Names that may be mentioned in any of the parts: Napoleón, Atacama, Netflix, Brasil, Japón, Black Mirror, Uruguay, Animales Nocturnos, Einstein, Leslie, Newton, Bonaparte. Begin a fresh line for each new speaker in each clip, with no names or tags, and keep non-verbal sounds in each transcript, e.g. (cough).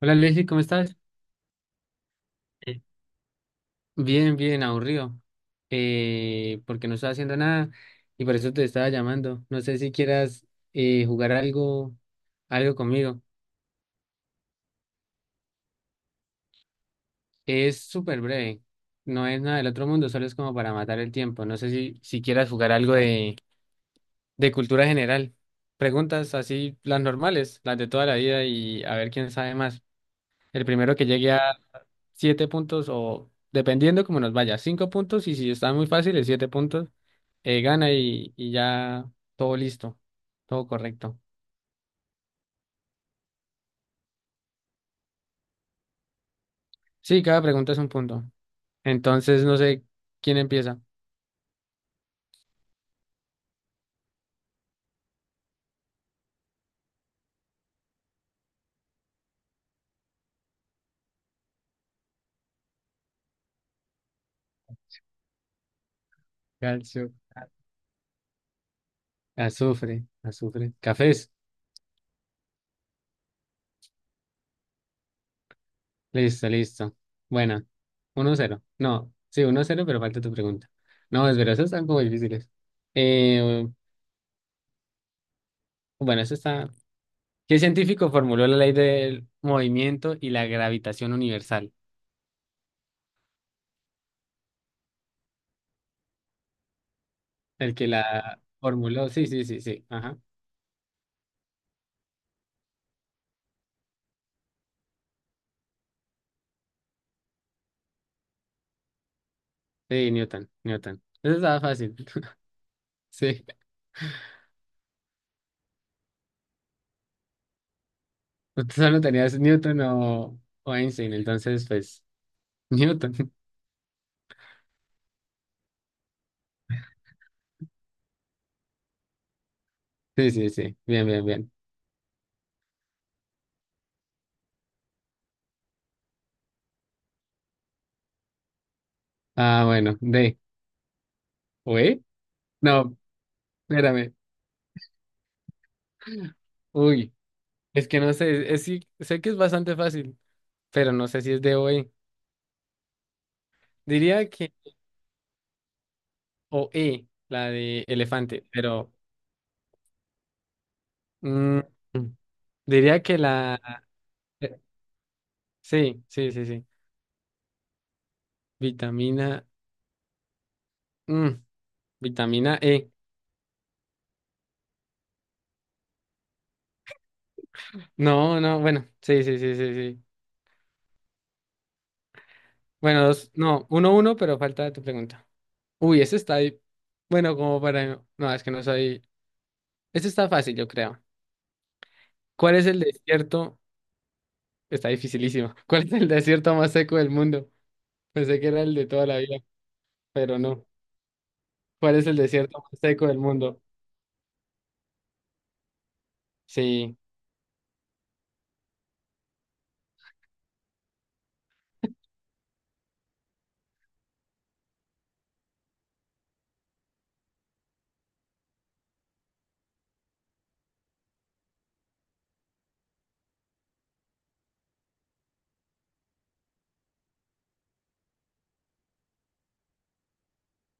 Hola Leslie, ¿cómo estás? Eh, Bien, bien, aburrido. Porque no estaba haciendo nada y por eso te estaba llamando. No sé si quieras jugar algo, algo conmigo. Es súper breve, no es nada del otro mundo, solo es como para matar el tiempo. No sé si quieras jugar algo de cultura general. Preguntas así, las normales, las de toda la vida y a ver quién sabe más. El primero que llegue a siete puntos o dependiendo cómo nos vaya, cinco puntos, y si está muy fácil, es siete puntos, gana y ya todo listo, todo correcto. Sí, cada pregunta es un punto. Entonces, no sé quién empieza. Calcio, azufre, azufre, cafés. Listo, listo. Bueno, uno cero. No, sí, uno cero, pero falta tu pregunta. No, es verdad, esas están como difíciles. Eh, bueno, eso está. ¿Qué científico formuló la ley del movimiento y la gravitación universal? El que la formuló, sí, sí, sí, sí, ajá. Sí, Newton, Newton. Eso estaba fácil. (laughs) Sí, usted solo tenías Newton o Einstein, entonces, pues, Newton. (laughs) Sí, sí, sí, bien, bien, bien. Ah, bueno, D. ¿O E? No, espérame. Uy, es que no sé, es, sí, sé que es bastante fácil, pero no sé si es D o E. Diría que o E, la de elefante, pero mm, diría que la... eh, sí, sí, sí, sí. Vitamina. Mm, vitamina E. No, no, bueno, sí, sí, sí, sí, sí. Bueno, dos, no, uno, uno, pero falta tu pregunta. Uy, ese está ahí. Bueno, como para... No, es que no soy... Este está fácil, yo creo. ¿Cuál es el desierto? Está dificilísimo. (laughs) ¿Cuál es el desierto más seco del mundo? Pensé que era el de toda la vida, pero no. ¿Cuál es el desierto más seco del mundo? Sí,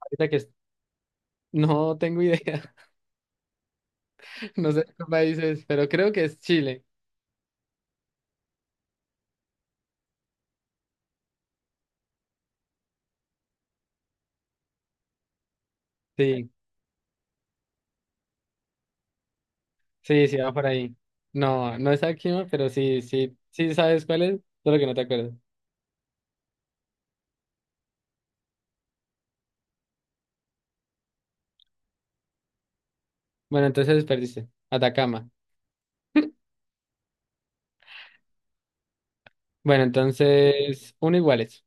ahorita que... es- no tengo idea. (laughs) No sé qué países, pero creo que es Chile. Sí. Sí, sí, va por ahí. No, no es Akima, pero sí, sí, sí sabes cuál es, solo que no te acuerdas. Bueno, entonces perdiste. Atacama. Bueno, entonces, uno iguales.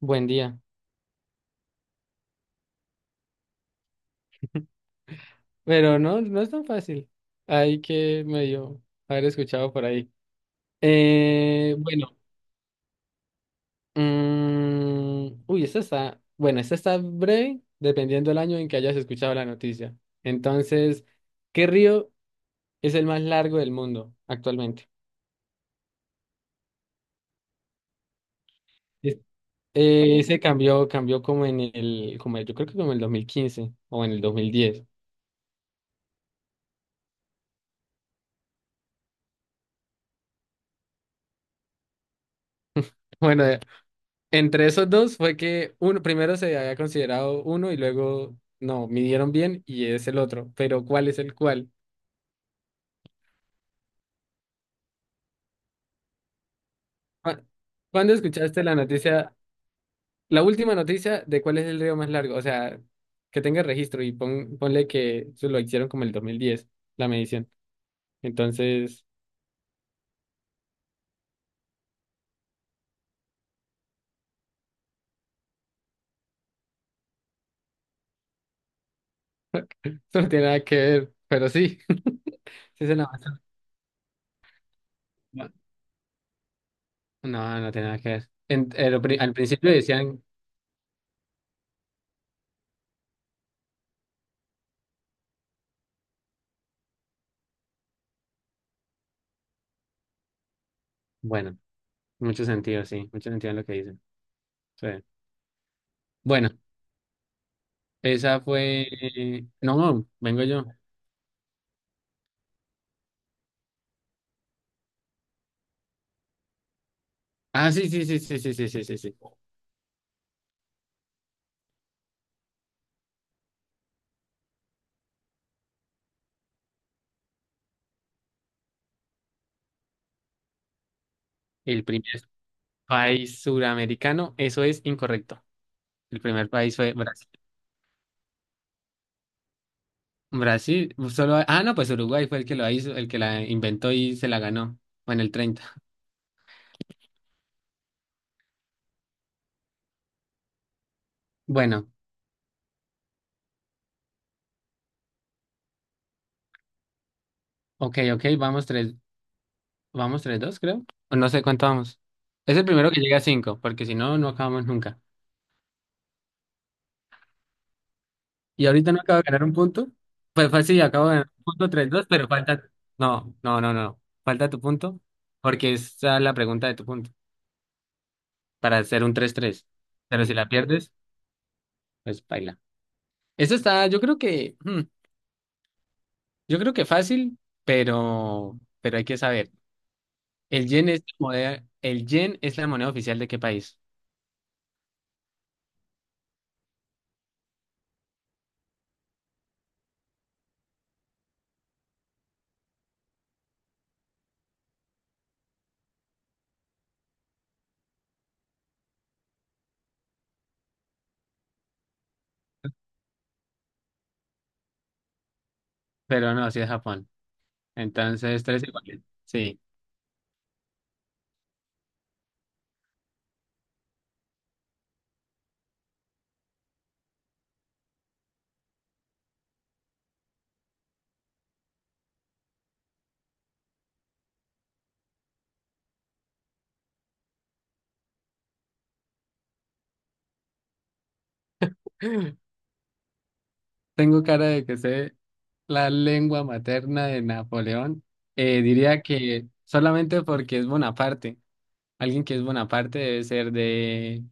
Buen día. Pero no, no es tan fácil. Hay que medio haber escuchado por ahí. Bueno, mm, uy, esta está, bueno, esta está breve, dependiendo del año en que hayas escuchado la noticia. Entonces, ¿qué río es el más largo del mundo actualmente? Se cambió, cambió como en el, como yo creo que como en el 2015 o en el 2010. (laughs) Bueno, entre esos dos fue que uno, primero se había considerado uno y luego no, midieron bien y es el otro. Pero ¿cuál es el cuál? Cu- ¿cuándo escuchaste la noticia, la última noticia de cuál es el río más largo? O sea, que tenga registro y pon- ponle que eso lo hicieron como el 2010, la medición. Entonces, (laughs) eso no tiene nada que ver, pero sí, (laughs) sí se la... No, no tiene nada que ver. En- lo pri- al principio decían, bueno, mucho sentido, sí, mucho sentido en lo que dicen. Sí. Bueno, esa fue. No, no, vengo yo. Ah, sí, sí, sí, sí, sí, sí, sí, sí, sí. El primer país suramericano, eso es incorrecto. El primer país fue Brasil. Brasil, solo. Ah, no, pues Uruguay fue el que lo hizo, el que la inventó y se la ganó. Bueno, el treinta. Bueno, ok, ok, vamos tres, dos, creo. O no sé cuánto vamos. Es el primero que llega a cinco, porque si no, no acabamos nunca. Y ahorita no acabo de ganar un punto. Pues fácil sí, acabo de ganar un punto, tres dos, pero falta. No, no, no, no. Falta tu punto, porque esa es la pregunta de tu punto, para hacer un tres tres. Pero si la pierdes, pues baila. Eso está, yo creo que, hmm, yo creo que fácil, pero hay que saber. El yen es la moneda, el yen es la moneda oficial de qué país, pero no, sí es Japón. Entonces, tres iguales. Sí. (gasps) (laughs) Tengo cara de que sé la lengua materna de Napoleón, diría que solamente porque es Bonaparte. Alguien que es Bonaparte debe ser de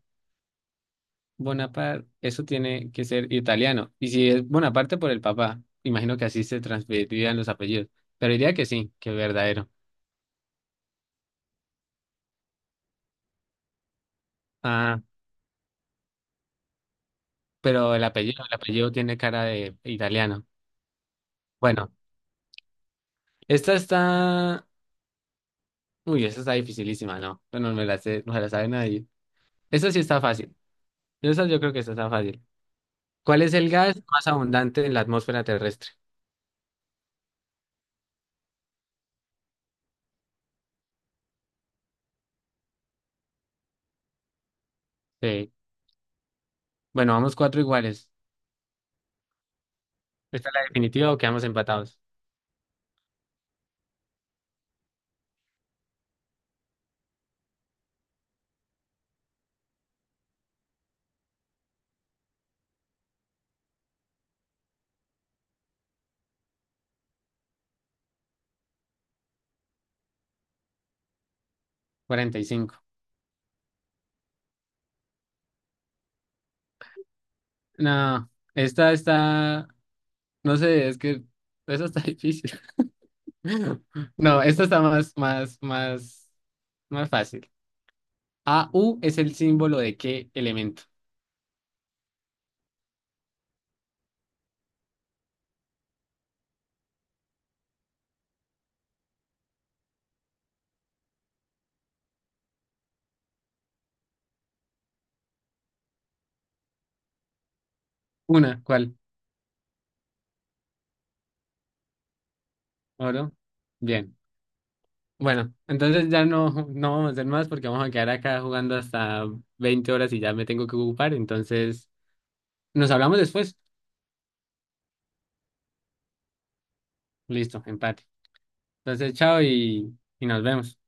Bonaparte, eso tiene que ser italiano. Y si es Bonaparte por el papá, imagino que así se transmitirían los apellidos. Pero diría que sí, que es verdadero. Ah, pero el apellido tiene cara de italiano. Bueno, esta está, uy, esta está dificilísima, ¿no? Bueno, no me la sé, no se la sabe nadie. Esta sí está fácil. Esta yo creo que esta está fácil. ¿Cuál es el gas más abundante en la atmósfera terrestre? Sí. Bueno, vamos cuatro iguales. ¿Esta es la definitiva o quedamos empatados? 45. No, esta está, no sé, es que esa está (laughs) difícil. (laughs) No, esta está más, más, más, más fácil. AU es el símbolo de qué elemento. Una, ¿cuál? Oro. Bien. Bueno, entonces ya no, (laughs) no vamos a hacer más porque vamos a quedar acá jugando hasta 20 horas y ya me tengo que ocupar. Entonces, nos hablamos después. Listo, empate. Entonces, chao y nos vemos.